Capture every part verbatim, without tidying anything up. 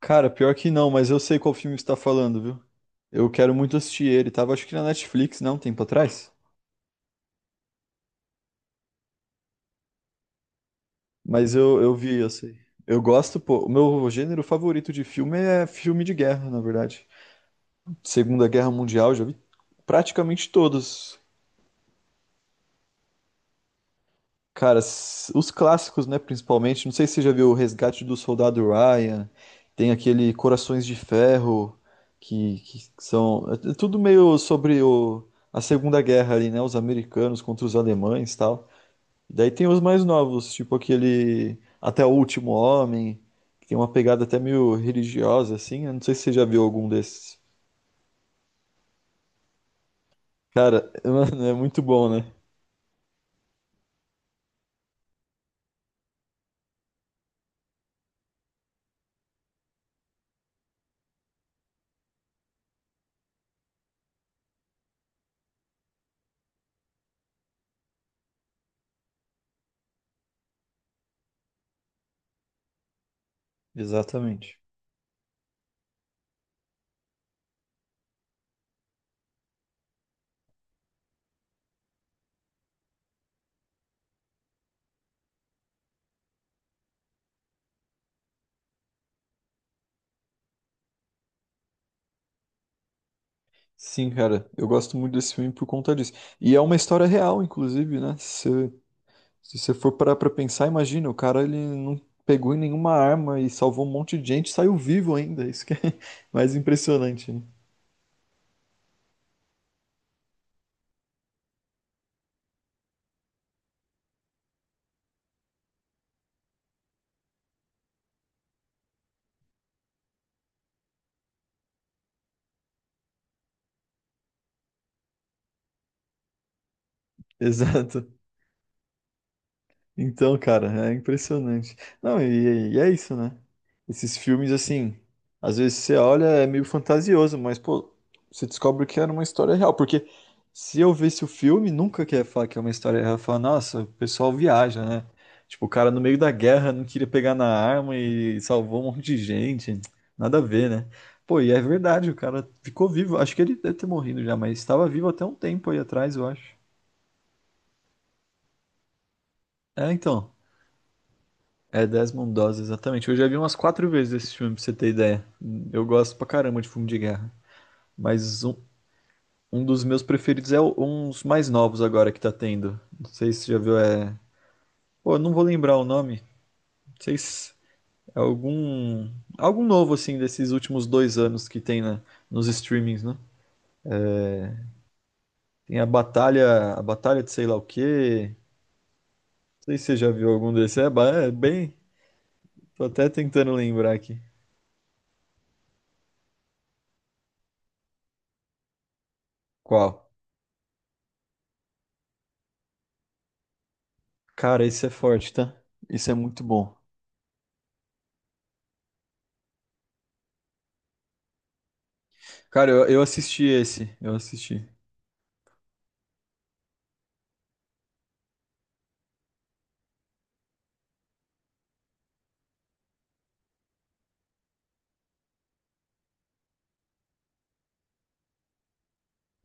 Cara, pior que não, mas eu sei qual filme que você tá falando, viu? Eu quero muito assistir ele. Tava acho que na Netflix, não, um tempo atrás. Mas eu, eu vi, eu sei. Eu gosto, pô. O meu gênero favorito de filme é filme de guerra, na verdade. Segunda Guerra Mundial, já vi praticamente todos. Cara, s- os clássicos, né, principalmente, não sei se você já viu O Resgate do Soldado Ryan, tem aquele Corações de Ferro, que, que são... É é tudo meio sobre o, a Segunda Guerra ali, né, os americanos contra os alemães e tal. Daí tem os mais novos, tipo aquele Até o Último Homem, que tem uma pegada até meio religiosa, assim, eu não sei se você já viu algum desses. Cara, mano, é muito bom, né? Exatamente. Sim, cara, eu gosto muito desse filme por conta disso. E é uma história real, inclusive, né? Se, se você for parar pra pensar, imagina, o cara ele não pegou em nenhuma arma e salvou um monte de gente, e saiu vivo ainda. Isso que é mais impressionante, né? Exato. Então, cara, é impressionante. Não, e, e é isso, né? Esses filmes, assim, às vezes você olha, é meio fantasioso, mas, pô, você descobre que era uma história real. Porque se eu visse o filme, nunca quer falar que é uma história real. Falar, nossa, o pessoal viaja, né? Tipo, o cara no meio da guerra não queria pegar na arma e salvou um monte de gente. Nada a ver, né? Pô, e é verdade, o cara ficou vivo. Acho que ele deve ter morrido já, mas estava vivo até um tempo aí atrás, eu acho. É, então. É Desmond Doss, exatamente. Eu já vi umas quatro vezes esse filme, pra você ter ideia. Eu gosto pra caramba de filme de guerra. Mas um, um dos meus preferidos é o- uns mais novos agora que tá tendo. Não sei se você já viu, é. Pô, eu não vou lembrar o nome. Não sei se é algum. Algum novo, assim, desses últimos dois anos que tem na, nos streamings, né? Tem a Batalha. A Batalha de sei lá o quê. Não sei se você já viu algum desses. É, ba- é bem. Tô até tentando lembrar aqui. Qual? Cara, esse é forte, tá? Isso é muito bom. Cara, eu, eu assisti esse, eu assisti.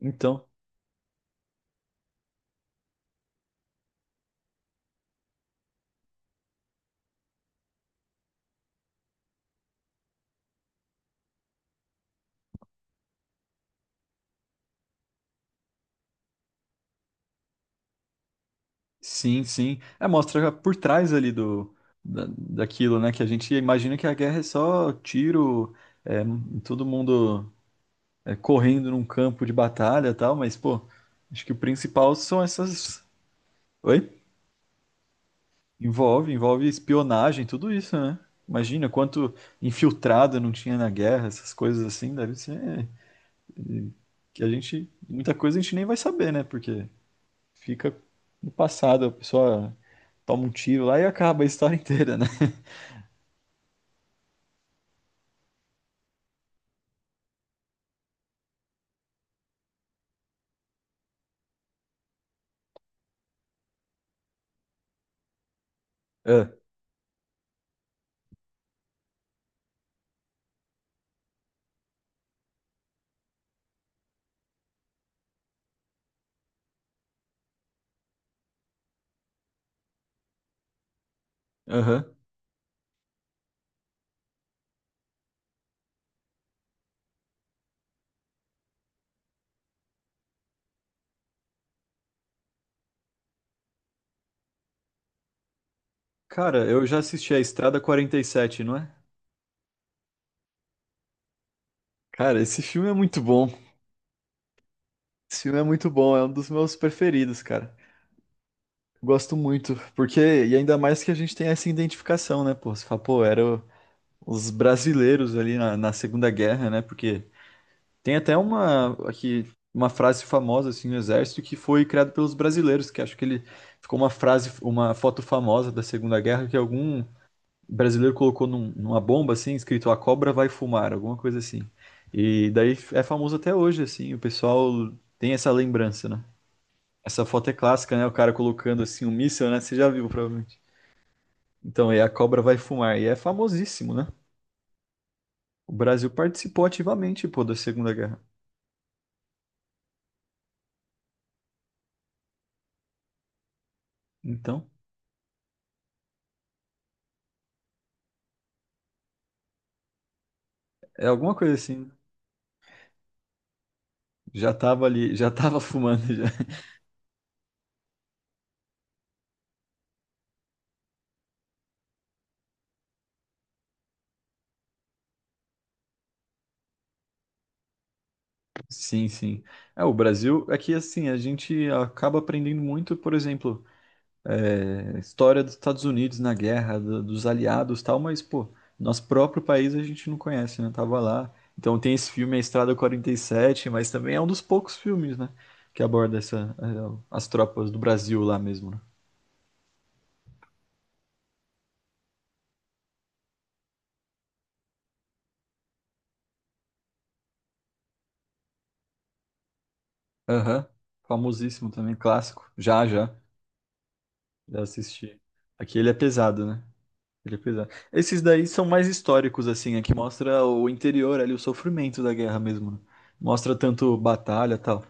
Então, sim, sim. É, mostra por trás ali do, da- daquilo, né? Que a gente imagina que a guerra é só tiro, é, todo mundo é, correndo num campo de batalha e tal, mas, pô, acho que o principal são essas. Oi? Envolve, envolve espionagem, tudo isso, né? Imagina quanto infiltrado não tinha na guerra, essas coisas assim, deve ser que a gente. Muita coisa a gente nem vai saber, né? Porque fica no passado, a pessoa toma um tiro lá e acaba a história inteira, né? É, aham. Cara, eu já assisti a Estrada quarenta e sete, não é? Cara, esse filme é muito bom. Esse filme é muito bom, é um dos meus preferidos, cara. Gosto muito, porque, e ainda mais que a gente tem essa identificação, né, pô? Você fala, pô, eram os brasileiros ali na, na Segunda Guerra, né? Porque tem até uma, aqui, uma frase famosa, assim, no Exército, que foi criada pelos brasileiros, que acho que ele ficou uma frase, uma foto famosa da Segunda Guerra, que algum o brasileiro colocou num- numa bomba assim, escrito "A cobra vai fumar", alguma coisa assim. E daí é famoso até hoje, assim, o pessoal tem essa lembrança, né? Essa foto é clássica, né? O cara colocando assim um míssil, né? Você já viu, provavelmente. Então, é "A cobra vai fumar". E é famosíssimo, né? O Brasil participou ativamente, pô, da Segunda Guerra. Então, é alguma coisa assim. Já tava ali, já tava fumando já. Sim, sim. É, o Brasil, é que assim, a gente acaba aprendendo muito, por exemplo, é, história dos Estados Unidos na guerra, do- dos aliados e tal, mas, pô, nosso próprio país a gente não conhece, né? Tava lá. Então tem esse filme A Estrada quarenta e sete, mas também é um dos poucos filmes, né? Que aborda essa, eh, as tropas do Brasil lá mesmo, né? Aham. Famosíssimo também, clássico. Já, já. Já assisti. Aqui ele é pesado, né? Ele é pesado. Esses daí são mais históricos, assim, aqui mostra o interior ali, o sofrimento da guerra mesmo, né? Mostra tanto batalha e tal.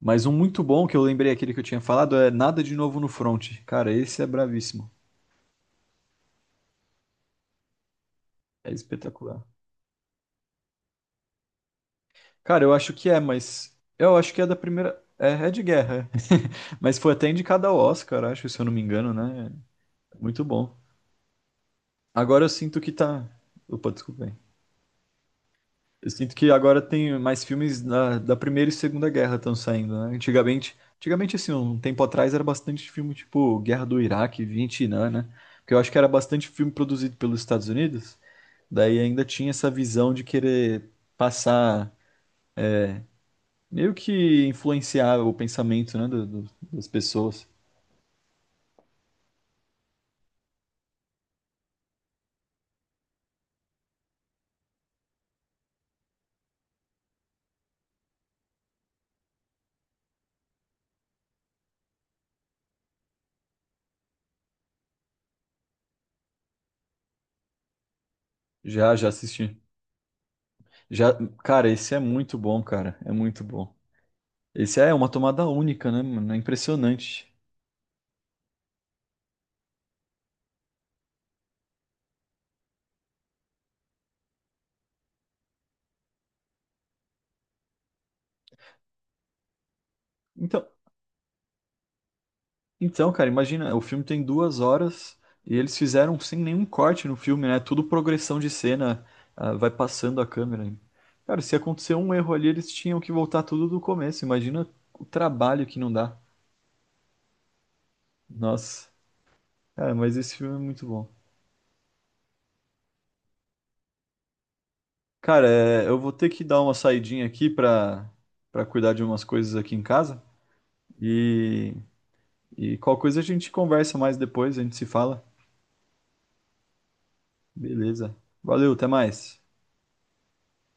Mas um muito bom que eu lembrei aquele que eu tinha falado é Nada de Novo no Front. Cara, esse é bravíssimo. É espetacular. Cara, eu acho que é, mas. Eu acho que é da primeira. É, é de guerra. É. Mas foi até indicado ao Oscar, acho, se eu não me engano, né? Muito bom. Agora eu sinto que tá. Opa, desculpa aí. Eu sinto que agora tem mais filmes da, da Primeira e Segunda Guerra estão saindo, né? Antigamente, antigamente, assim, um tempo atrás era bastante filme tipo Guerra do Iraque, Vietnã, né? Porque eu acho que era bastante filme produzido pelos Estados Unidos. Daí ainda tinha essa visão de querer passar, meio que influenciar o pensamento, né, do- do- das pessoas. Já, já assisti. Já, cara, esse é muito bom, cara. É muito bom. Esse é uma tomada única, né, mano? É impressionante. Então, então, cara, imagina, o filme tem duas horas e eles fizeram sem nenhum corte no filme, né? Tudo progressão de cena, ah, vai passando a câmera. Cara, se acontecer um erro ali, eles tinham que voltar tudo do começo. Imagina o trabalho que não dá. Nossa. Cara, mas esse filme é muito bom. Cara, é, eu vou ter que dar uma saidinha aqui pra, pra cuidar de umas coisas aqui em casa. E, e qualquer coisa a gente conversa mais depois, a gente se fala. Beleza. Valeu, até mais.